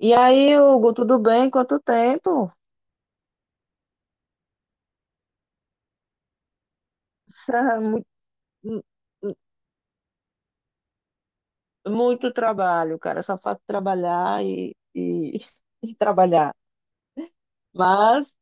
E aí, Hugo, tudo bem? Quanto tempo? Muito, muito trabalho, cara. Só faço trabalhar e, e trabalhar. Mas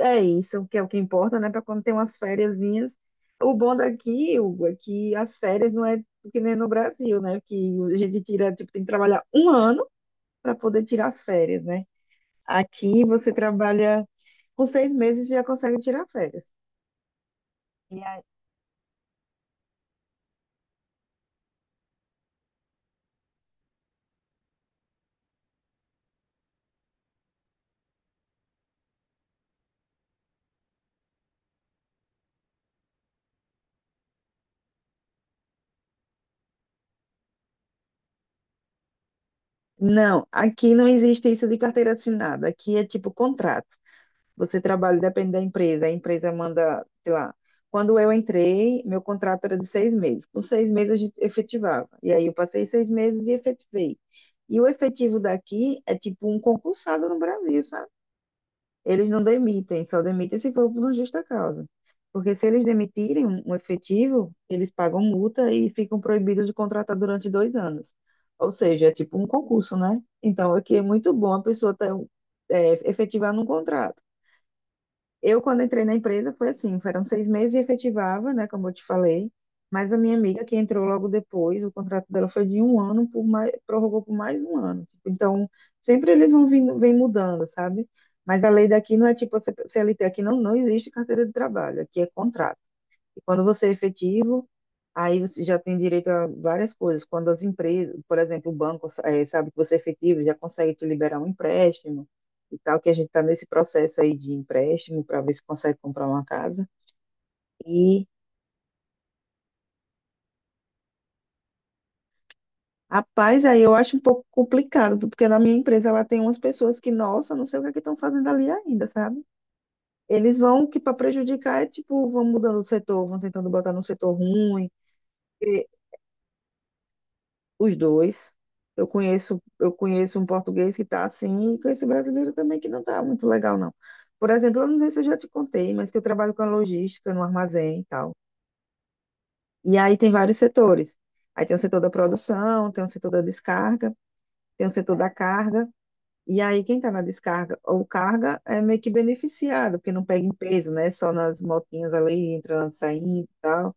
é isso, que é o que importa, né? Para quando tem umas fériasinhas. O bom daqui, Hugo, é que as férias não é que nem no Brasil, né? Que a gente tira, tipo, tem que trabalhar um ano para poder tirar as férias, né? Aqui você trabalha com 6 meses e já consegue tirar férias. Não, aqui não existe isso de carteira assinada. Aqui é tipo contrato. Você trabalha, depende da empresa. A empresa manda, sei lá. Quando eu entrei, meu contrato era de 6 meses. Com seis meses a gente efetivava. E aí eu passei 6 meses e efetivei. E o efetivo daqui é tipo um concursado no Brasil, sabe? Eles não demitem, só demitem se for por uma justa causa. Porque se eles demitirem um efetivo, eles pagam multa e ficam proibidos de contratar durante 2 anos. Ou seja, é tipo um concurso, né? Então, aqui é muito bom a pessoa ter, efetivar num contrato. Eu, quando entrei na empresa, foi assim, foram 6 meses e efetivava, né, como eu te falei, mas a minha amiga que entrou logo depois, o contrato dela foi de um ano, por mais, prorrogou por mais um ano. Tipo, então, sempre eles vão vindo, vem mudando, sabe? Mas a lei daqui não é tipo a CLT, aqui não existe carteira de trabalho, aqui é contrato. E quando você é efetivo, aí você já tem direito a várias coisas. Quando as empresas, por exemplo, o banco, sabe que você é efetivo, já consegue te liberar um empréstimo e tal, que a gente está nesse processo aí de empréstimo para ver se consegue comprar uma casa. E, rapaz, aí eu acho um pouco complicado, porque na minha empresa ela tem umas pessoas que, nossa, não sei o que é que estão fazendo ali ainda, sabe? Eles vão que para prejudicar é tipo, vão mudando o setor, vão tentando botar no setor ruim os dois. Eu conheço um português que está assim, e conheço brasileiro também que não está muito legal, não. Por exemplo, eu não sei se eu já te contei, mas que eu trabalho com a logística no armazém e tal. E aí tem vários setores. Aí tem o setor da produção, tem o setor da descarga, tem o setor da carga. E aí quem está na descarga ou carga é meio que beneficiado, porque não pega em peso, né? Só nas motinhas ali, entrando, saindo e tal.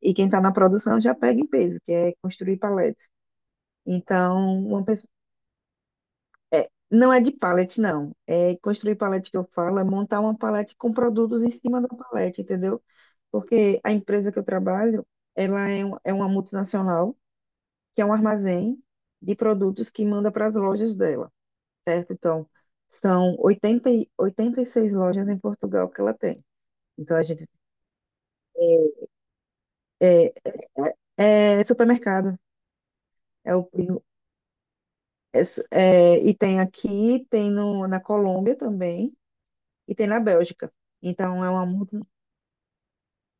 E quem está na produção já pega em peso, que é construir paletes. Então, uma pessoa. É, não é de pallet, não. É construir pallet que eu falo, é montar uma pallet com produtos em cima da pallet, entendeu? Porque a empresa que eu trabalho, ela é uma multinacional, que é um armazém de produtos que manda para as lojas dela, certo? Então, são 86 lojas em Portugal que ela tem. Então, a gente é é supermercado. É o, prim- é su- é, E tem aqui, tem no, na Colômbia também, e tem na Bélgica. Então, é uma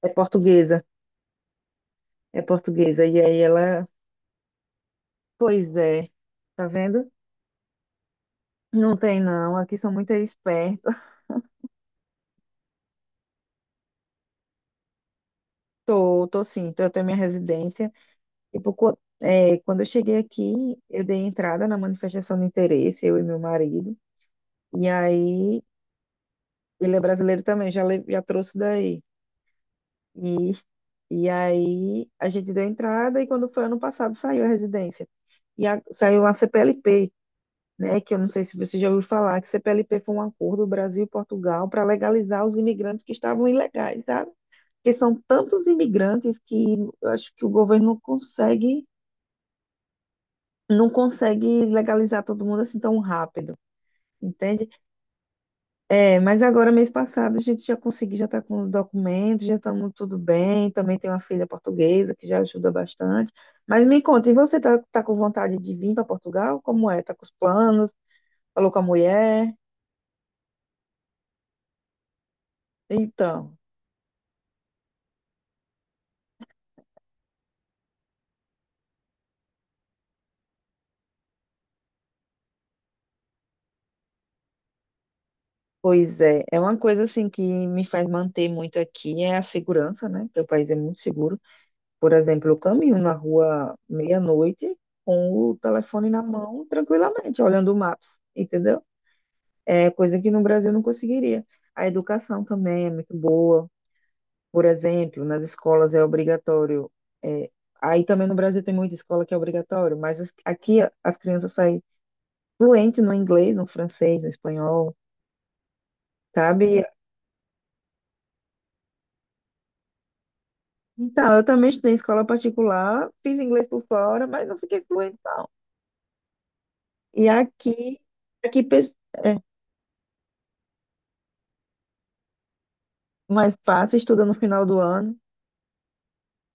É portuguesa, é portuguesa. E aí ela, pois é, tá vendo? Não tem não, aqui são muito espertos. Tô, tô sim, tô, eu tenho minha residência. Tipo, quando eu cheguei aqui, eu dei entrada na manifestação de interesse, eu e meu marido. E aí, ele é brasileiro também, já trouxe daí. E, e aí, a gente deu entrada e quando foi ano passado, saiu a residência. Saiu a CPLP, né, que eu não sei se você já ouviu falar, que CPLP foi um acordo Brasil e Portugal para legalizar os imigrantes que estavam ilegais, sabe? Porque são tantos imigrantes que eu acho que o governo não consegue legalizar todo mundo assim tão rápido, entende? É, mas agora, mês passado, a gente já conseguiu, já está com o documento, já estamos tudo bem, também tem uma filha portuguesa que já ajuda bastante. Mas me conta, e você está tá com vontade de vir para Portugal? Como é? Está com os planos? Falou com a mulher? Então. Pois é, é uma coisa assim que me faz manter muito aqui é a segurança, né? Que o país é muito seguro. Por exemplo, eu caminho na rua meia-noite com o telefone na mão, tranquilamente, olhando o Maps, entendeu? É coisa que no Brasil eu não conseguiria. A educação também é muito boa. Por exemplo, nas escolas é obrigatório. é, Aí também no Brasil tem muita escola que é obrigatório, mas aqui as crianças saem fluentes no inglês, no francês, no espanhol. Sabe, então, eu também estudei em escola particular, fiz inglês por fora, mas não fiquei fluente, não. E aqui, aqui pes- é, mas passa, estuda no final do ano,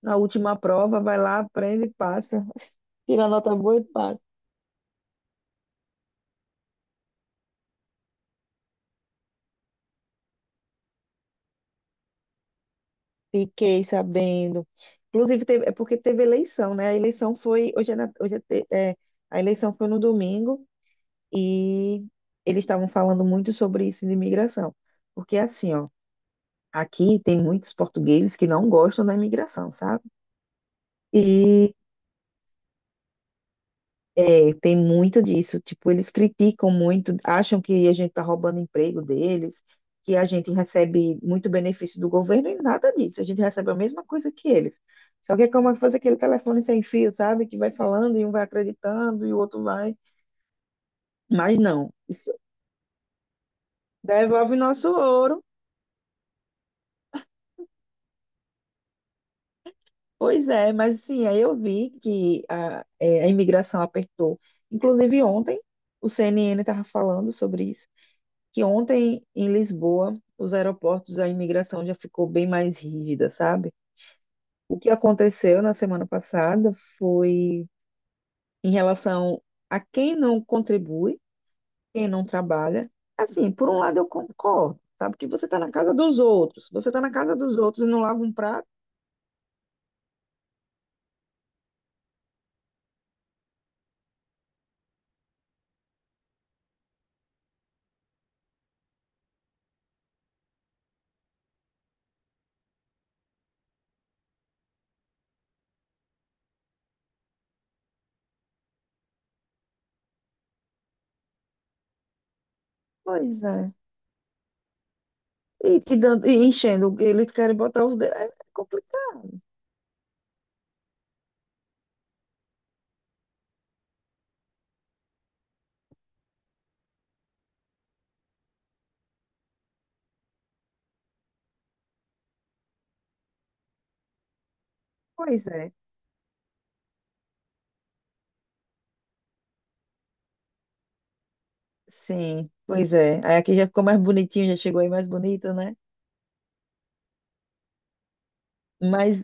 na última prova, vai lá, aprende e passa. Tira nota boa e passa. Fiquei sabendo. Inclusive, teve, é porque teve eleição, né? A eleição foi, hoje é, A eleição foi no domingo e eles estavam falando muito sobre isso de imigração. Porque assim, ó, aqui tem muitos portugueses que não gostam da imigração, sabe? e É, tem muito disso. Tipo, eles criticam muito, acham que a gente está roubando emprego deles, que a gente recebe muito benefício do governo e nada disso. A gente recebe a mesma coisa que eles. Só que é como se fosse aquele telefone sem fio, sabe? Que vai falando e um vai acreditando e o outro vai. Mas não, isso devolve nosso ouro. Pois é, mas assim, aí eu vi que a imigração apertou. Inclusive ontem, o CNN estava falando sobre isso que ontem em Lisboa, os aeroportos, a imigração já ficou bem mais rígida, sabe? O que aconteceu na semana passada foi em relação a quem não contribui, quem não trabalha. Assim, por um lado eu concordo, sabe? Que você está na casa dos outros, você está na casa dos outros e não lava um prato, pois é. E, te dando, e enchendo, eles querem botar os dedos, é complicado. Pois é, sim, pois é. Aí aqui já ficou mais bonitinho, já chegou aí mais bonito, né? Mas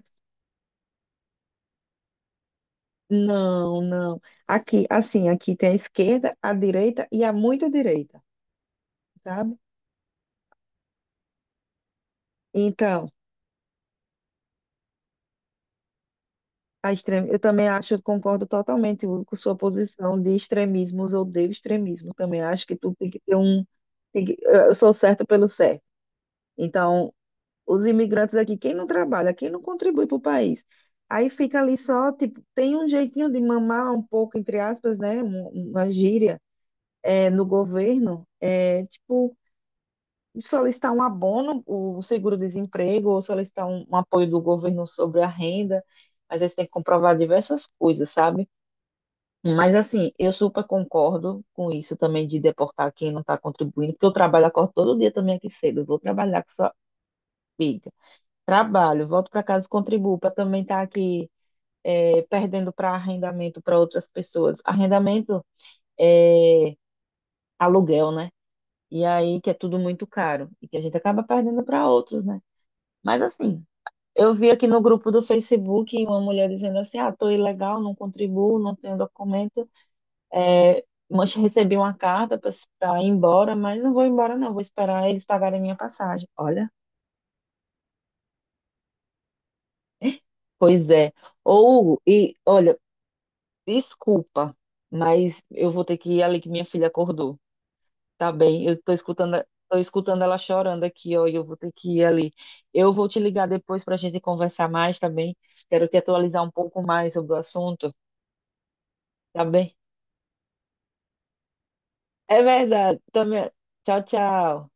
não, não. Aqui, assim, aqui tem a esquerda, a direita e a muito direita, sabe? Então, a extrema, eu também acho, eu concordo totalmente com sua posição de extremismos, odeio extremismo. Também acho que tudo tem que ter um. Eu sou certo pelo certo. Então, os imigrantes aqui, quem não trabalha, quem não contribui para o país, aí fica ali só, tipo, tem um jeitinho de mamar um pouco, entre aspas, né? Uma gíria é, no governo, é tipo. Solicitar um abono, o seguro-desemprego, ou solicitar um apoio do governo sobre a renda, mas aí você tem que comprovar diversas coisas, sabe? Mas assim, eu super concordo com isso também de deportar quem não está contribuindo, porque eu trabalho, acordo todo dia também aqui cedo, eu vou trabalhar com sua filha. Trabalho, volto para casa e contribuo para também estar aqui perdendo para arrendamento para outras pessoas. Arrendamento é aluguel, né? E aí que é tudo muito caro e que a gente acaba perdendo para outros, né? Mas assim, eu vi aqui no grupo do Facebook uma mulher dizendo assim: ah, tô ilegal, não contribuo, não tenho documento. É, mas recebi uma carta para ir embora, mas não vou embora, não, vou esperar eles pagarem minha passagem. Olha, pois é. Ou, e olha, desculpa, mas eu vou ter que ir ali que minha filha acordou. Tá bem, eu tô escutando. Tô escutando ela chorando aqui, ó, e eu vou ter que ir ali. Eu vou te ligar depois para a gente conversar mais também. Quero te atualizar um pouco mais sobre o assunto, tá bem? É verdade. Também. Tchau, tchau.